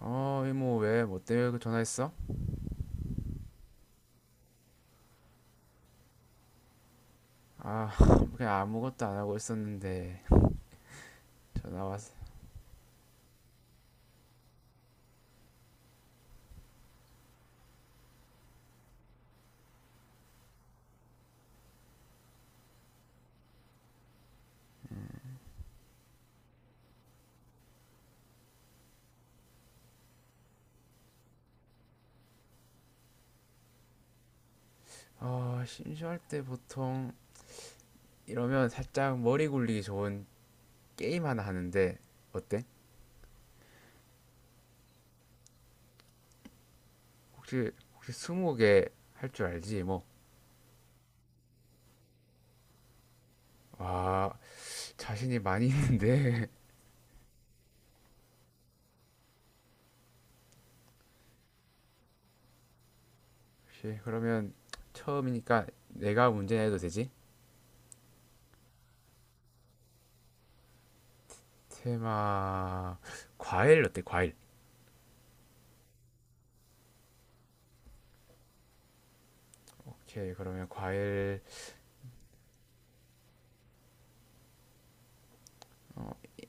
어, 이모, 왜, 뭐 때문에 그 전화했어? 아, 그냥 아무것도 안 하고 있었는데, 전화 왔어. 어, 심심할 때 보통, 이러면 살짝 머리 굴리기 좋은 게임 하나 하는데, 어때? 혹시 스무고개 할 줄 알지? 뭐, 아, 자신이 많이 있는데. 혹시, 그러면, 처음이니까 내가 문제 내도 되지? 테마, 과일 어때, 과일? 오케이, 그러면 과일,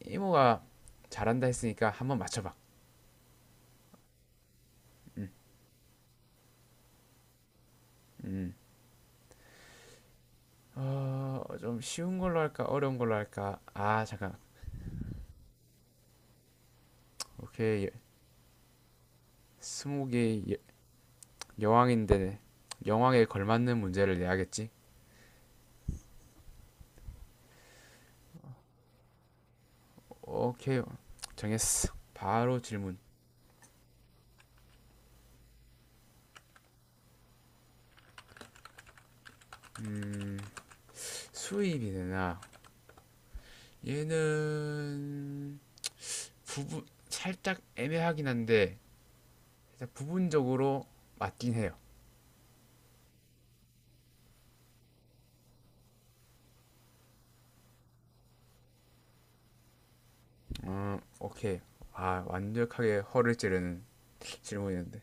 이모가 잘한다 했으니까 한번 맞춰봐. 어, 좀 쉬운 걸로 할까? 어려운 걸로 할까? 아, 잠깐. 오케이. 예, 스무 개의 여왕인데, 여왕에 걸맞는 문제를 내야겠지? 오케이. 정했어. 바로 질문. 수입이 되나? 얘는 부분 살짝 애매하긴 한데 일단 부분적으로 맞긴 해요. 오케이. 아, 완벽하게 허를 찌르는 질문이었는데.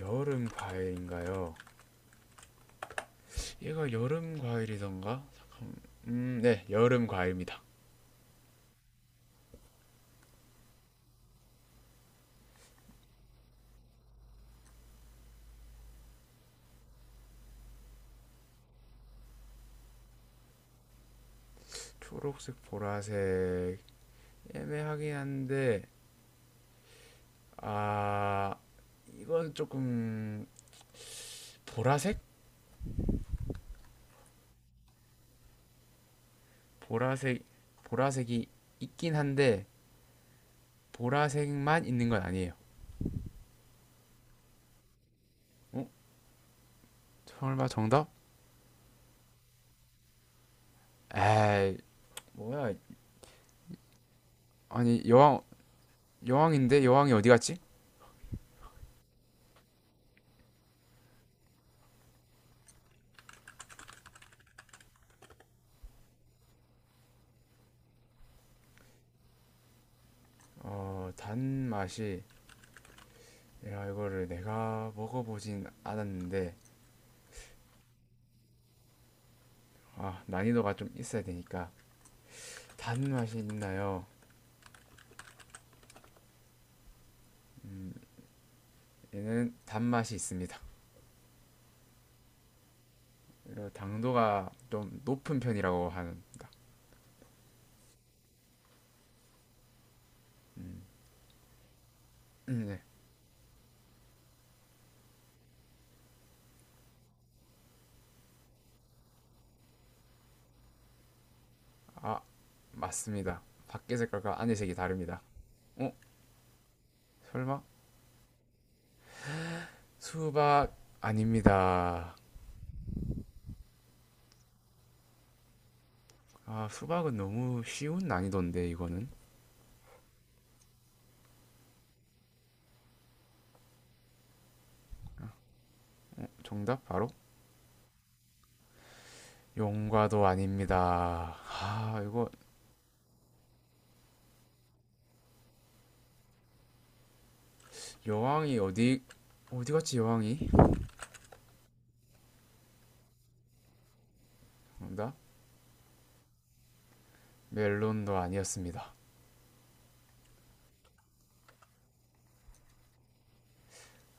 여름 과일인가요? 얘가 여름 과일이던가? 잠깐. 네, 여름 과일입니다. 초록색, 보라색 애매하긴 한데, 아, 이건 조금 보라색? 보라색 보라색이 있긴 한데 보라색만 있는 건 아니에요. 어? 설마 정답? 에이, 뭐야? 아니, 여왕인데 여왕이 어디 갔지? 어, 단맛이 야, 이거를 내가 먹어보진 않았는데. 아, 난이도가 좀 있어야 되니까. 단맛이 있나요? 얘는 단맛이 있습니다. 당도가 좀 높은 편이라고 합니다. 네. 아, 맞습니다. 밖의 색깔과 안의 색이 다릅니다. 어? 설마? 수박 아닙니다. 아, 수박은 너무 쉬운 난이도인데, 이거는. 정답 바로 용과도 아닙니다. 아, 이거 여왕이 어디 갔지 여왕이? 정답 멜론도 아니었습니다.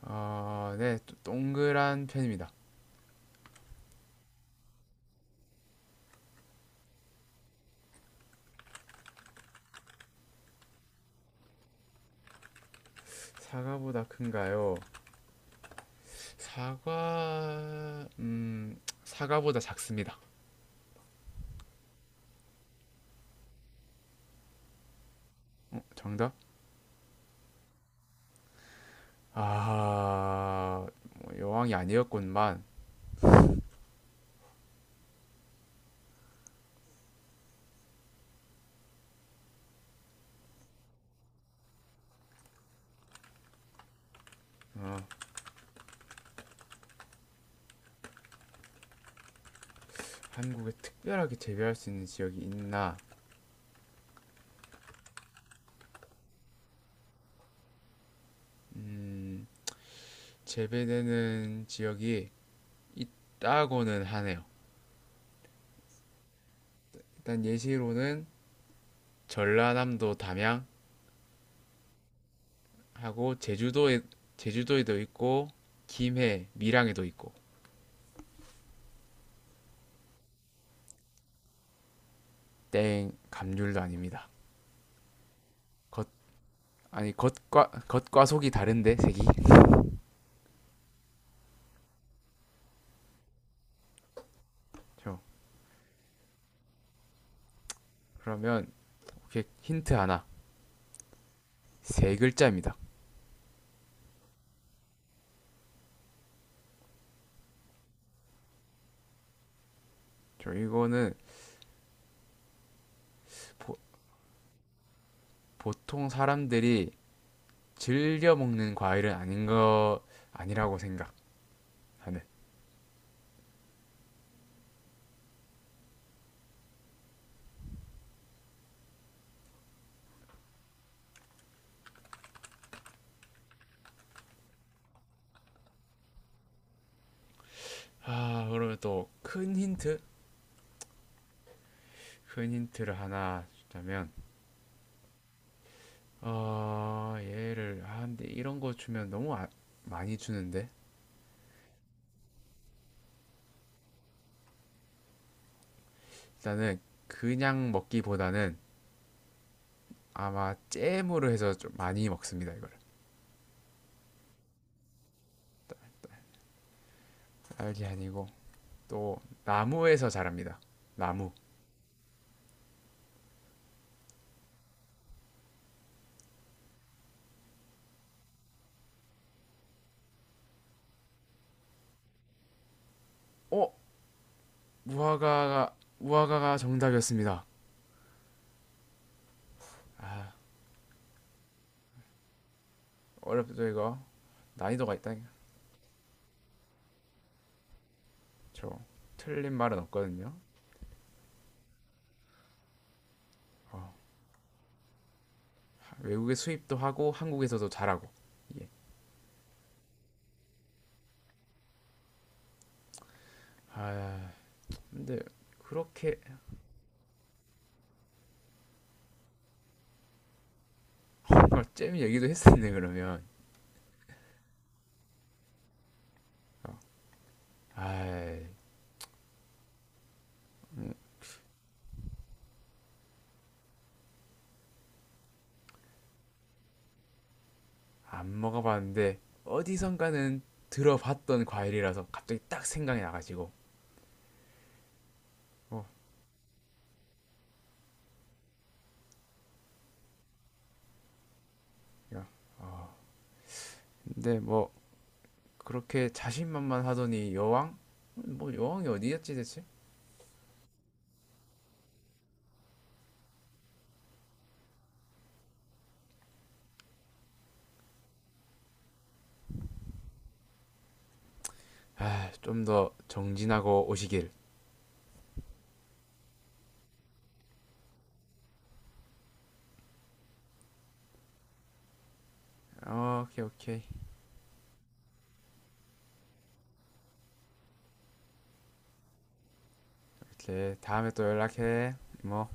어, 네, 동그란 편입니다. 사과보다 큰가요? 사과보다 작습니다. 어, 정답? 아, 뭐 여왕이 아니었건만. 어, 한국에 특별하게 재배할 수 있는 지역이 있나? 재배되는 지역이 있다고는 하네요. 일단 예시로는 전라남도 담양하고, 제주도에, 제주도에도 있고, 김해, 밀양에도 있고. 땡, 감귤도 아닙니다. 거, 아니, 겉과 속이 다른데 색이. 저, 그러면 오케이. 힌트 하나. 세 글자입니다. 저, 이거는 보, 보통 사람들이 즐겨 먹는 과일은 아닌 거, 아니라고 생각하는. 아, 그러면 또 큰 힌트를 하나 주자면, 어, 얘를, 아, 근데 이런 거 주면 너무 많이 주는데. 일단은 그냥 먹기보다는 아마 잼으로 해서 좀 많이 먹습니다, 이거를. 딸기 아니고, 또 나무에서 자랍니다. 나무. 어? 무화과가 정답이었습니다. 어렵죠, 이거. 난이도가 있다. 저, 틀린 말은 없거든요. 외국에 수입도 하고 한국에서도 잘하고. 아, 근데 그렇게 정잼 얘기도 했었네 그러면. 아안 먹어봤는데 어디선가는 들어봤던 과일이라서 갑자기 딱 생각이 나가지고. 어, 야. 근데 뭐 그렇게 자신만만 하더니 여왕? 뭐 여왕이 어디였지 대체? 아, 좀 더 정진하고 오시길. 어, 오케이 오케이. 그래, 다음에 또 연락해. 뭐.